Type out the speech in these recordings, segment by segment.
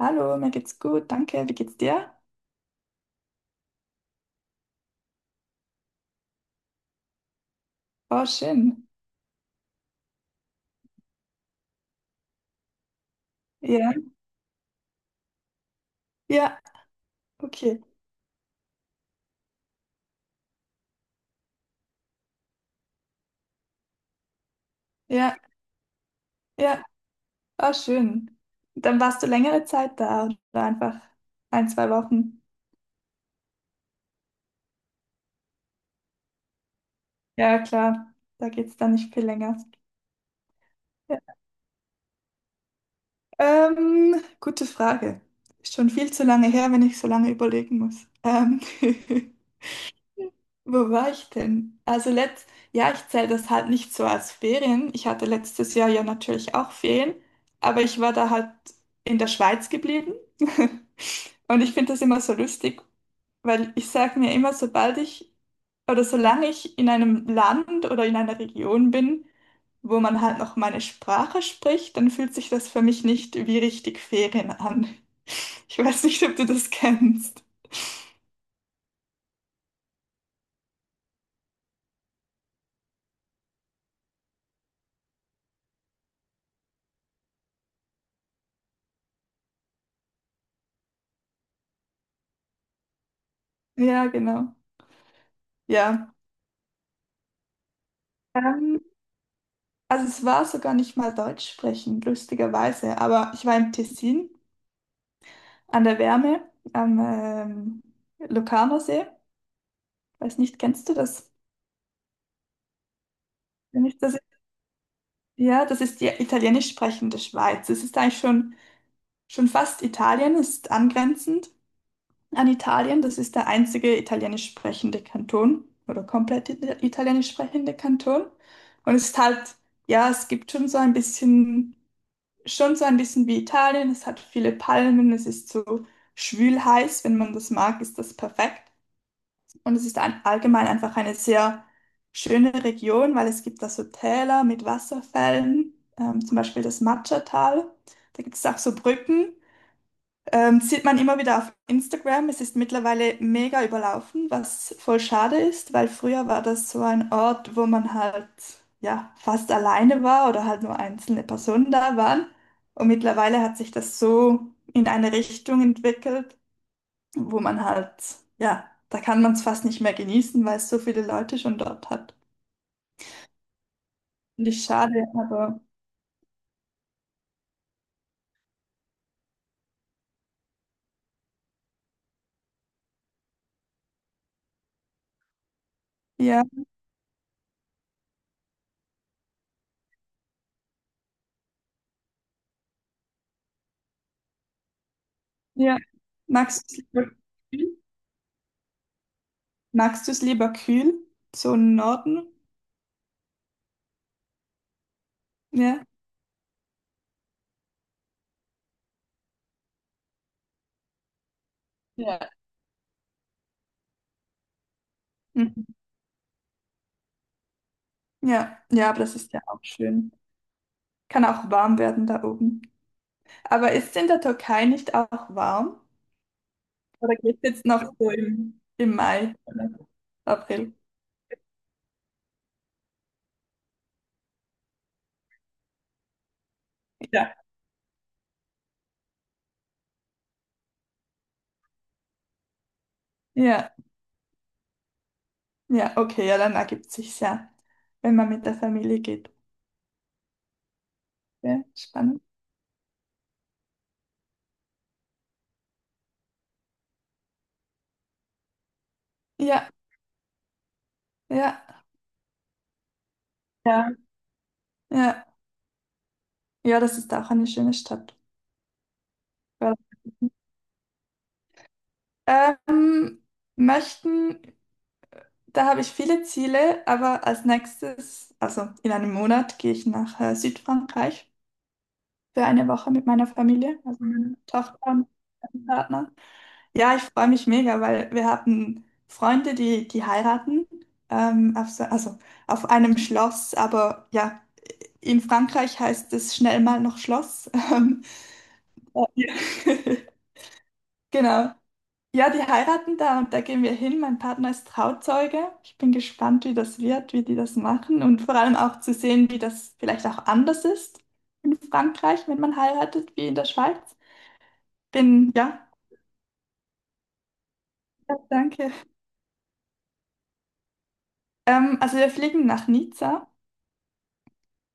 Hallo, mir geht's gut, danke. Wie geht's dir? Oh, schön. Ja, ja, okay. Ja, ja, oh, schön. Dann warst du längere Zeit da oder einfach ein, zwei Wochen? Ja, klar, da geht's dann nicht viel länger. Ja. Gute Frage. Ist schon viel zu lange her, wenn ich so lange überlegen muss. Wo war ich denn? Also ja, ich zähle das halt nicht so als Ferien. Ich hatte letztes Jahr ja natürlich auch Ferien, aber ich war da halt in der Schweiz geblieben. Und ich finde das immer so lustig, weil ich sage mir immer, sobald ich oder solange ich in einem Land oder in einer Region bin, wo man halt noch meine Sprache spricht, dann fühlt sich das für mich nicht wie richtig Ferien an. Ich weiß nicht, ob du das kennst. Ja, genau. Ja. Ähm, Also es war sogar nicht mal Deutsch sprechen, lustigerweise. Aber ich war im Tessin an der Wärme am Locarnosee. Weiß nicht, kennst du das? Wenn ich das? Ja, das ist die italienisch sprechende Schweiz. Es ist eigentlich schon fast Italien, es ist angrenzend an Italien. Das ist der einzige italienisch sprechende Kanton oder komplett italienisch sprechende Kanton. Und es ist halt, ja, es gibt schon so ein bisschen wie Italien. Es hat viele Palmen, es ist so schwül heiß. Wenn man das mag, ist das perfekt. Und es ist allgemein einfach eine sehr schöne Region, weil es gibt da so Täler mit Wasserfällen, zum Beispiel das Matcha-Tal. Da gibt es auch so Brücken. Sieht man immer wieder auf Instagram. Es ist mittlerweile mega überlaufen, was voll schade ist, weil früher war das so ein Ort, wo man halt ja fast alleine war oder halt nur einzelne Personen da waren. Und mittlerweile hat sich das so in eine Richtung entwickelt, wo man halt ja, da kann man es fast nicht mehr genießen, weil es so viele Leute schon dort hat. Finde ich schade, aber ja, ja. Magst du es lieber kühl? Magst du es lieber kühl? So im Norden? Ja. Mhm. Ja, ja, aber das ist ja auch schön. Kann auch warm werden da oben. Aber ist es in der Türkei nicht auch warm? Oder geht es jetzt noch so im Mai oder April? Ja. Ja, ja, okay, ja, dann ergibt sich ja, wenn man mit der Familie geht. Ja, spannend. Ja, ja, ja, ja. Ja, das ist auch eine schöne Stadt. Ja. Ähm, möchten Da habe ich viele Ziele, aber als nächstes, also in einem Monat, gehe ich nach Südfrankreich für eine Woche mit meiner Familie, also meiner Tochter und meinem Partner. Ja, ich freue mich mega, weil wir hatten Freunde, die heiraten, also auf einem Schloss, aber ja, in Frankreich heißt es schnell mal noch Schloss. Ja. Genau. Ja, die heiraten da und da gehen wir hin. Mein Partner ist Trauzeuge. Ich bin gespannt, wie das wird, wie die das machen und vor allem auch zu sehen, wie das vielleicht auch anders ist in Frankreich, wenn man heiratet, wie in der Schweiz. Ja, ja, danke. Also wir fliegen nach Nizza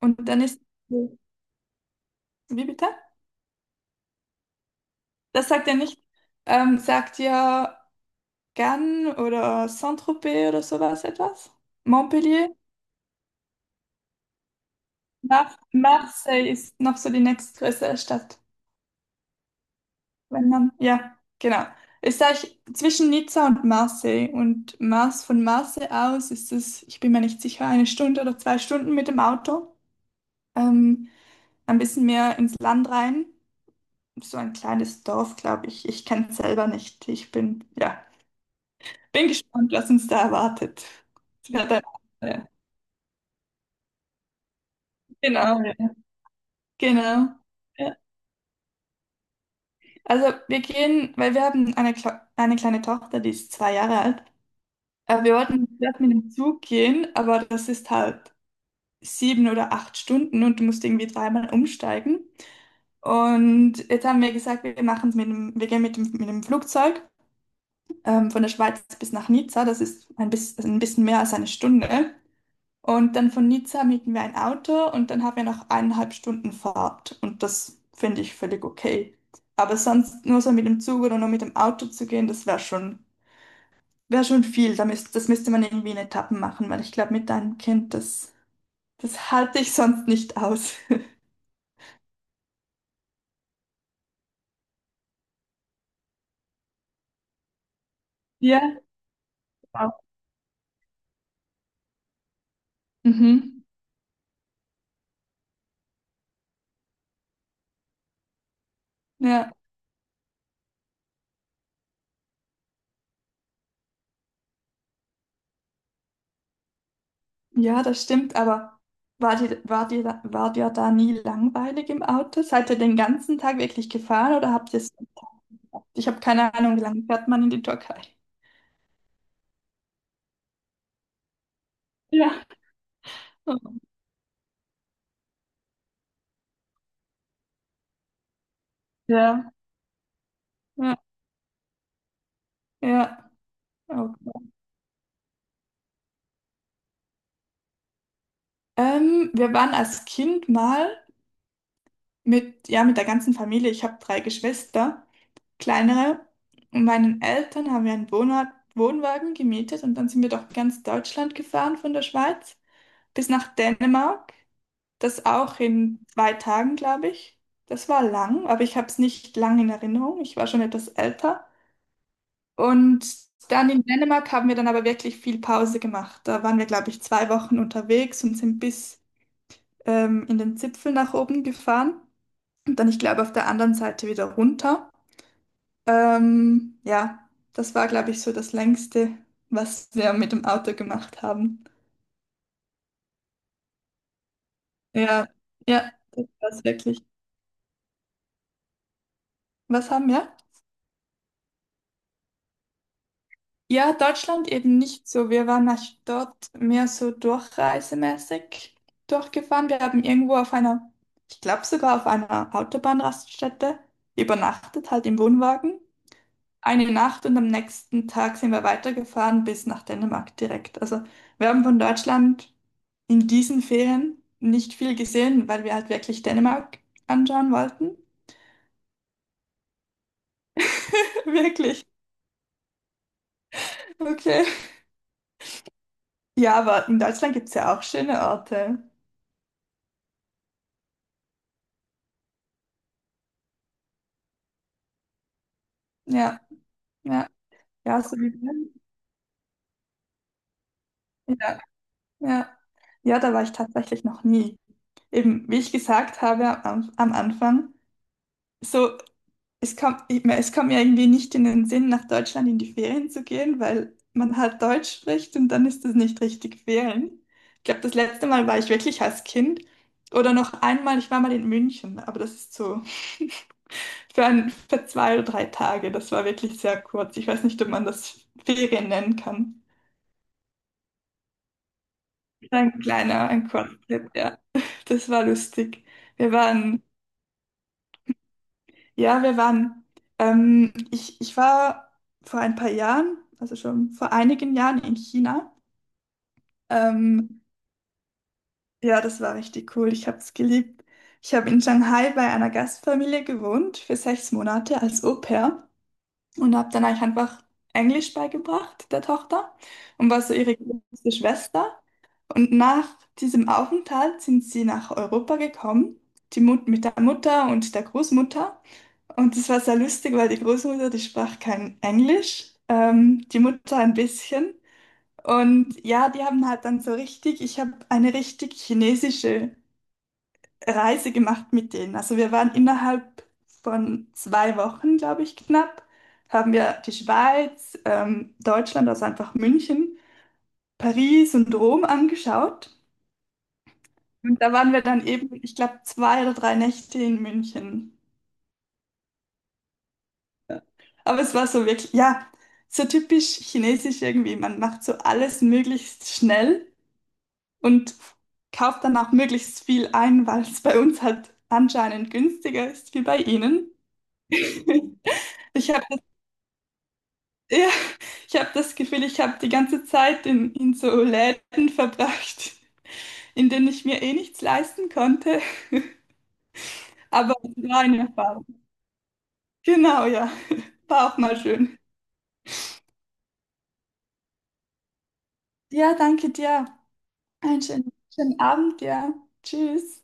und dann ist, wie bitte? Das sagt er nicht. Sagt ihr Cannes oder Saint-Tropez oder sowas etwas? Montpellier? Marseille ist noch so die nächstgrößere Stadt. Wenn dann, ja, genau. Ist eigentlich zwischen Nizza und Marseille. Und von Marseille aus ist es, ich bin mir nicht sicher, eine Stunde oder zwei Stunden mit dem Auto. Ähm, ein bisschen mehr ins Land rein. So ein kleines Dorf, glaube ich. Ich kenne es selber nicht. Ja, bin gespannt, was uns da erwartet. Es wird ein- ja, Genau, ja. Genau. Ja. Also wir gehen, weil wir haben eine kleine Tochter, die ist 2 Jahre alt. Wir wollten zuerst mit dem Zug gehen, aber das ist halt 7 oder 8 Stunden und du musst irgendwie dreimal umsteigen. Und jetzt haben wir gesagt, wir gehen mit dem Flugzeug, von der Schweiz bis nach Nizza. Das ist ein bisschen mehr als eine Stunde. Und dann von Nizza mieten wir ein Auto und dann haben wir noch 1,5 Stunden Fahrt. Und das finde ich völlig okay. Aber sonst nur so mit dem Zug oder nur mit dem Auto zu gehen, das wäre schon. Wäre schon viel, das müsste man irgendwie in Etappen machen, weil ich glaube, mit einem Kind, das halte ich sonst nicht aus. Ja. Wow. Mhm. Ja, ja, das stimmt, aber war dir da nie langweilig im Auto? Seid ihr den ganzen Tag wirklich gefahren oder habt ihr es? Ich habe keine Ahnung, wie lange fährt man in die Türkei? Ja. Ja, ja, ja. Okay. Wir waren als Kind mal ja, mit der ganzen Familie, ich habe drei Geschwister. Kleinere. Und meinen Eltern haben wir einen Wohnwagen gemietet und dann sind wir durch ganz Deutschland gefahren von der Schweiz bis nach Dänemark. Das auch in 2 Tagen, glaube ich. Das war lang, aber ich habe es nicht lang in Erinnerung. Ich war schon etwas älter. Und dann in Dänemark haben wir dann aber wirklich viel Pause gemacht. Da waren wir, glaube ich, 2 Wochen unterwegs und sind bis in den Zipfel nach oben gefahren und dann, ich glaube, auf der anderen Seite wieder runter. Ja, das war, glaube ich, so das Längste, was wir mit dem Auto gemacht haben. Ja, ja, das war es wirklich. Was haben wir? Ja, Deutschland eben nicht so. Wir waren nach dort mehr so durchreisemäßig durchgefahren. Wir haben irgendwo auf einer, ich glaube sogar auf einer Autobahnraststätte übernachtet, halt im Wohnwagen, eine Nacht und am nächsten Tag sind wir weitergefahren bis nach Dänemark direkt. Also wir haben von Deutschland in diesen Ferien nicht viel gesehen, weil wir halt wirklich Dänemark anschauen wollten. Wirklich. Okay. Ja, aber in Deutschland gibt es ja auch schöne Orte. Ja, ja, ja, so wie Wien. Ja, ja. Ja, da war ich tatsächlich noch nie. Eben, wie ich gesagt habe am Anfang, so. Es kommt, ich mein, es kommt mir irgendwie nicht in den Sinn, nach Deutschland in die Ferien zu gehen, weil man halt Deutsch spricht und dann ist das nicht richtig Ferien. Ich glaube, das letzte Mal war ich wirklich als Kind oder noch einmal, ich war mal in München, aber das ist so für 2 oder 3 Tage. Das war wirklich sehr kurz. Ich weiß nicht, ob man das Ferien nennen kann. Ein Kurztrip, ja. Das war lustig. Wir waren. Ja, wir waren. Ich war vor ein paar Jahren, also schon vor einigen Jahren in China. Ähm, ja, das war richtig cool. Ich habe es geliebt. Ich habe in Shanghai bei einer Gastfamilie gewohnt für 6 Monate als Au-pair und habe dann eigentlich einfach Englisch beigebracht, der Tochter, und war so ihre große Schwester. Und nach diesem Aufenthalt sind sie nach Europa gekommen, die Mut mit der Mutter und der Großmutter. Und das war sehr lustig, weil die Großmutter, die sprach kein Englisch, die Mutter ein bisschen. Und ja, die haben halt dann so richtig, ich habe eine richtig chinesische Reise gemacht mit denen. Also wir waren innerhalb von 2 Wochen, glaube ich, knapp, haben wir die Schweiz, Deutschland, also einfach München, Paris und Rom angeschaut. Und da waren wir dann eben, ich glaube, 2 oder 3 Nächte in München. Aber es war so wirklich, ja, so typisch chinesisch irgendwie. Man macht so alles möglichst schnell und kauft dann auch möglichst viel ein, weil es bei uns halt anscheinend günstiger ist wie bei ihnen. Ich habe das, ja, ich habe das Gefühl, ich habe die ganze Zeit in so Läden verbracht, in denen ich mir eh nichts leisten konnte. Aber es war eine Erfahrung. Genau, ja. War auch mal schön. Ja, danke dir. Einen schönen, schönen Abend, ja. Tschüss.